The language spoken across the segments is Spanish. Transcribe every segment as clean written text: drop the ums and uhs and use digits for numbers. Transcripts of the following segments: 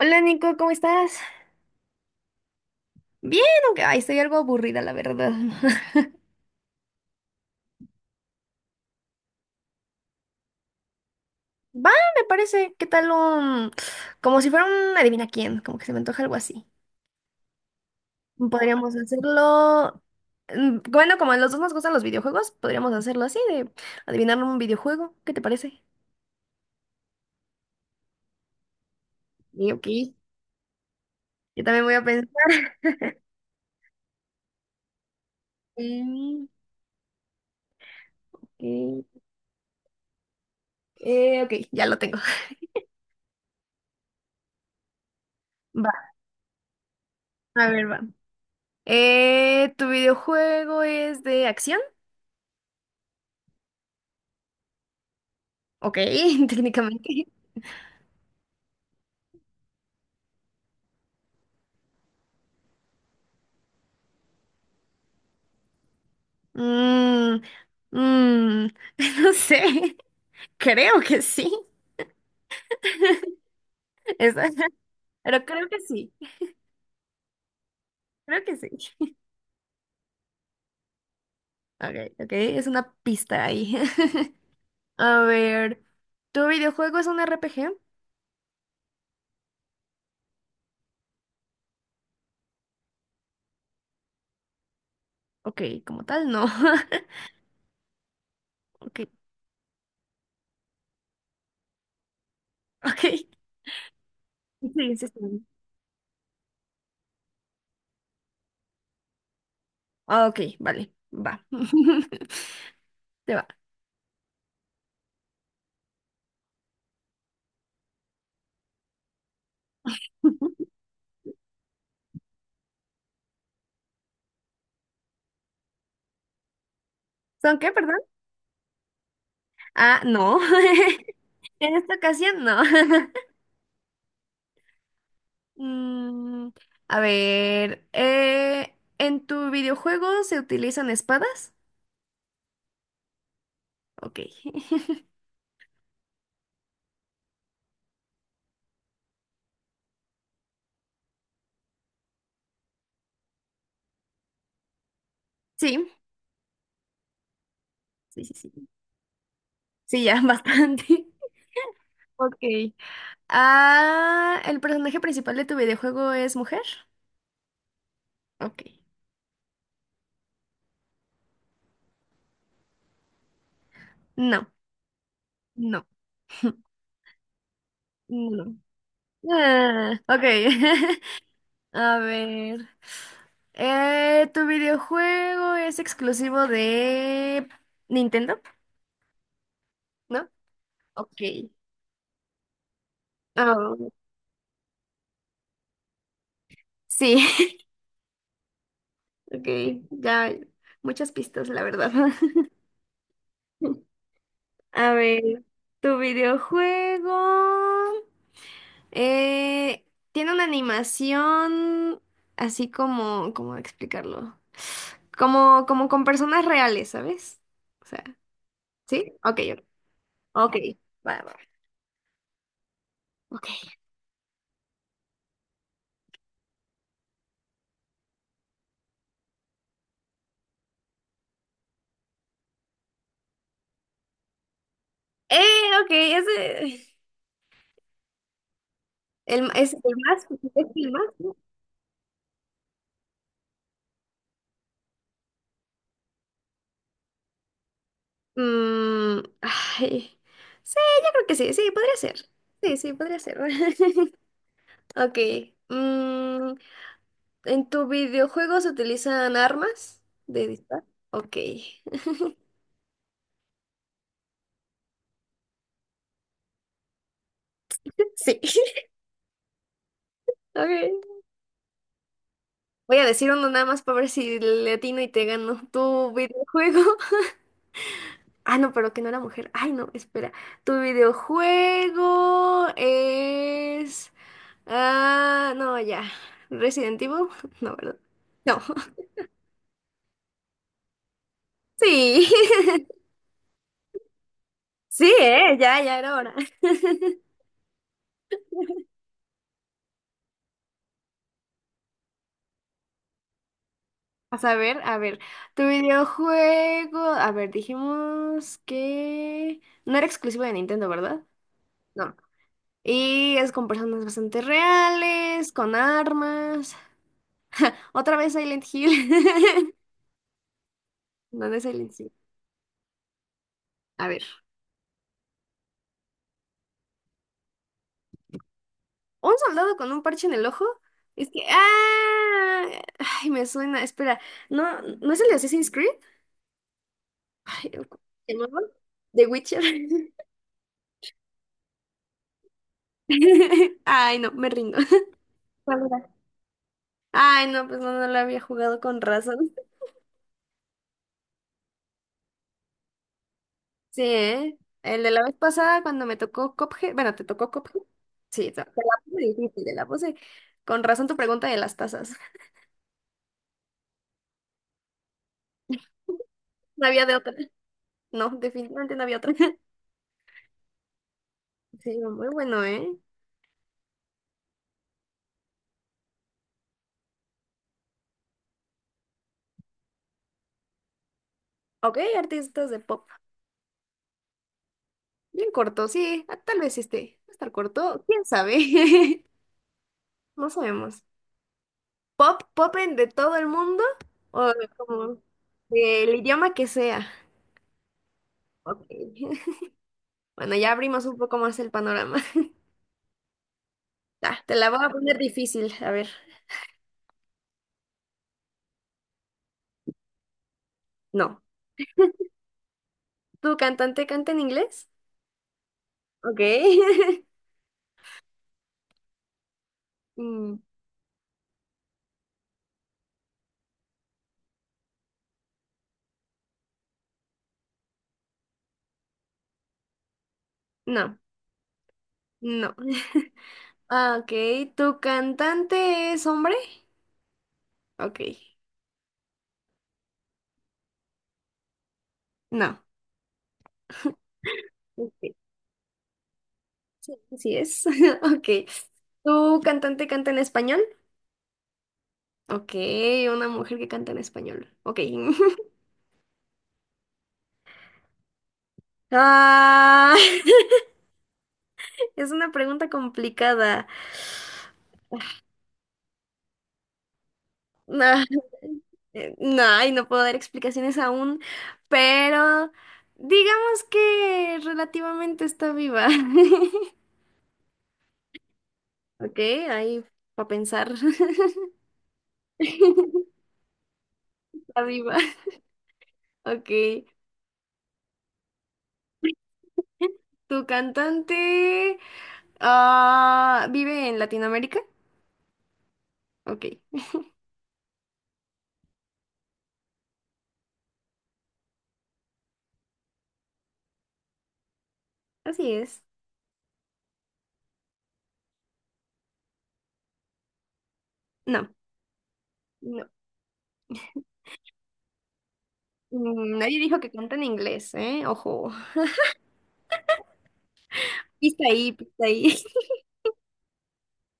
Hola Nico, ¿cómo estás? Bien, aunque ay, estoy algo aburrida, la verdad. Va, me parece. ¿Qué tal como si fuera un adivina quién, como que se me antoja algo así. Podríamos hacerlo... Bueno, como a los dos nos gustan los videojuegos, podríamos hacerlo así, de adivinar un videojuego. ¿Qué te parece? Y ok. Yo también voy a pensar. Mm, ok. Ok, ya lo tengo. Va, a ver, va. ¿Tu videojuego es de acción? Ok, técnicamente. Mm, mm, no sé, creo que sí. Es- pero creo que sí, creo que sí. Ok, ok, es una pista ahí. A ver, ¿tu videojuego es un RPG? Ok, como tal, no. Ok, ok. Sí, sí, está bien. Ah, ok, vale, va. Te va. ¿Son qué, perdón? Ah, no. En esta ocasión, no. Mm, a ver, ¿en tu videojuego se utilizan espadas? Ok. Sí, sí, sí, sí. Sí, ya, bastante. Ok. Ah, ¿el personaje principal de tu videojuego es mujer? Ok. No, no, no. Ah, ok. A ver. ¿Tu videojuego es exclusivo de Nintendo? ¿No? Ok. Ah, sí. Ok, ya muchas pistas, la verdad. A ver, tu videojuego eh, tiene una animación así como, ¿cómo explicarlo? Como, como con personas reales, ¿sabes? O sea, ¿sí? Ok, ok. Ok, va, va. Ok. Ok, el, es el más, es el más. ¿No? Ay, sí, yo creo que sí, sí, podría ser. Sí, sí, podría ser. Ok. Mm, ¿En tu videojuego se utilizan armas de disparo? Ok. Sí. Ok. Voy a decir uno nada más para ver si le atino y te gano. ¿Tu videojuego? Ah, no, pero que no era mujer. Ay, no, espera. ¿Tu videojuego es... Ah, no, ya. ¿Resident Evil? No, ¿verdad? No. Sí. Sí, ¿eh? Ya, ya era hora. A saber, a ver, tu videojuego, a ver, dijimos que no era exclusivo de Nintendo, ¿verdad? No. Y es con personas bastante reales, con armas. Otra vez Silent Hill. ¿Dónde es Silent Hill? A ver, un soldado con un parche en el ojo. Es que, ah, ay, me suena. Espera, no, no es el de Assassin's Creed. Ay, ¿cómo se llamaba? The Witcher. Ay, no, me rindo. Ay, no, pues no, no lo había jugado con razón. Sí, ¿eh? El de la vez pasada cuando me tocó Cuphead, bueno, te tocó Cuphead. Sí, te la puse difícil, te la puse con razón tu pregunta de las tazas. No había de otra. No, definitivamente no había otra. Sí, muy bueno, ¿eh? Ok, artistas de pop. Bien corto, sí. Tal vez este. Va a estar corto, quién sabe. No sabemos. Pop, popen de todo el mundo o como del idioma que sea. Ok. Bueno, ya abrimos un poco más el panorama. Ya, te la voy a poner difícil, a ver. No. ¿Tu cantante canta en inglés? Ok. Mm, No, no. Ah, ok, ¿tu cantante es hombre? Ok, no. Ok, así es. Ok. ¿Tu cantante canta en español? Ok, una mujer que canta en español. Ok. Ah, es una pregunta complicada. Ah, no, ay, no puedo dar explicaciones aún, pero digamos que relativamente está viva. Ok, ahí para pensar. Está viva. Ok. ¿Tu cantante vive en Latinoamérica? Ok, así es. No, no. Nadie dijo que canta en inglés, ¿eh? Ojo. Pista ahí, pista ahí.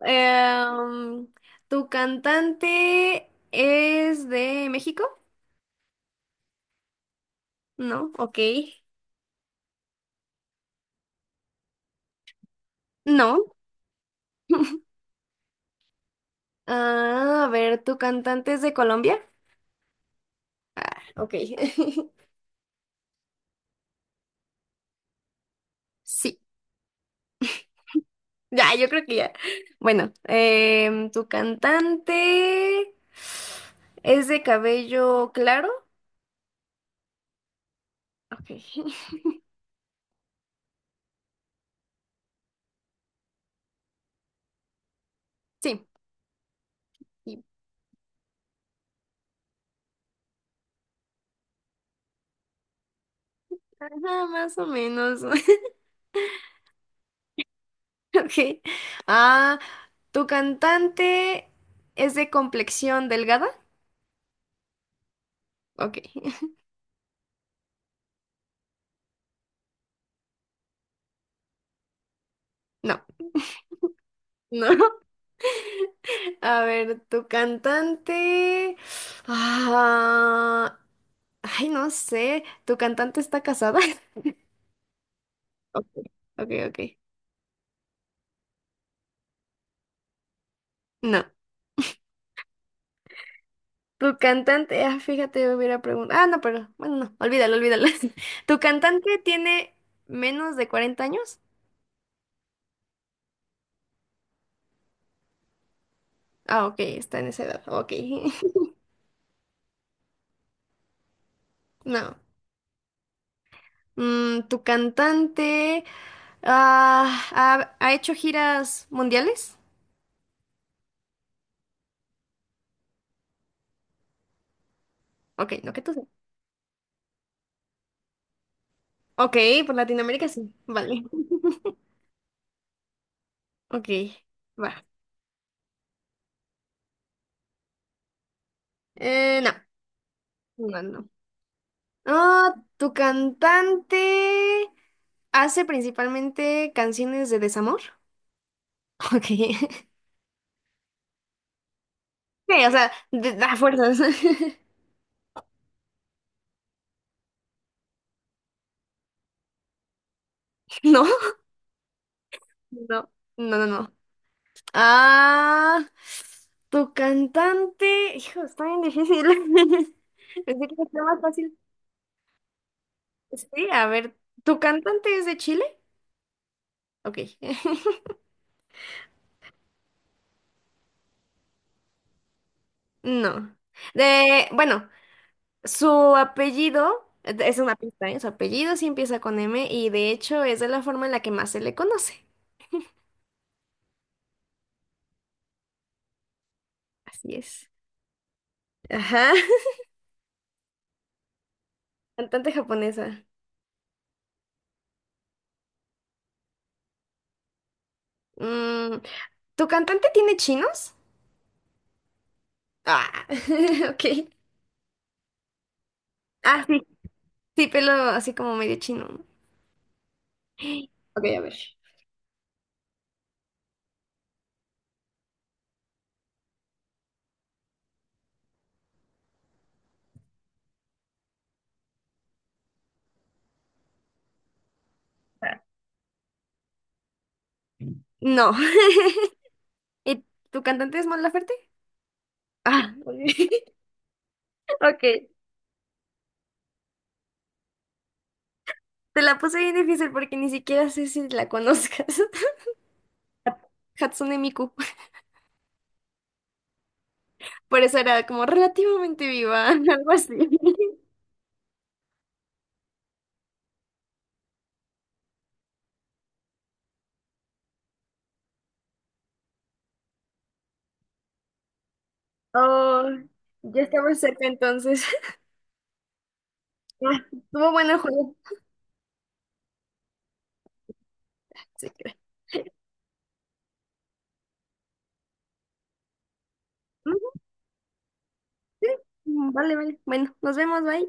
Em, ¿Tu cantante es de México? No, ok. No. Ah, a ver, ¿tu cantante es de Colombia? Ok. Sí. Ya, yo creo que ya. Bueno, ¿tu cantante es de cabello claro? Ok. Sí, sí. Ajá, más o menos. Ok. Ah, ¿tu cantante es de complexión delgada? Ok. No, no. A ver, tu cantante. Ah, ay, no sé. ¿Tu cantante está casada? Ok, ok, ok. No. Tu cantante. Ah, fíjate, yo hubiera preguntado. Ah, no, pero bueno, no. Olvídalo, olvídalo. ¿Tu cantante tiene menos de 40 años? Ah, ok, está en esa edad. Ok. No. ¿Tu cantante ha hecho giras mundiales? Ok, no que tú. Ok, por Latinoamérica sí. Vale. Ok, va. No, no, no. Ah, ¿tu cantante hace principalmente canciones de desamor? Ok. Sí, o sea, de, da fuerzas. No, no, no, no, no. Ah, tu cantante. Hijo, está bien difícil. Pensé que era más fácil. Sí, a ver, ¿tu cantante es de Chile? Ok. No. De, bueno. Su apellido, es una pista, ¿eh? Su apellido sí empieza con M y de hecho es de la forma en la que más se le conoce. Así es. Ajá, cantante japonesa. Mm, ¿Tu cantante tiene chinos? Ah, ok. Ah, sí, sí, pelo así como medio chino. ¿No? Ok, a ver. Ah, no. ¿Y tu cantante es Mon Laferte? Ah, ok. Ok. Te la puse bien difícil porque ni siquiera sé si la conozcas. Hatsune Miku. Por eso era como relativamente viva, algo así. Oh, ya estamos cerca entonces. Ah, estuvo bueno el juego. Sí, creo. Ujú, sí. Vale, vale. Bueno, nos vemos, bye.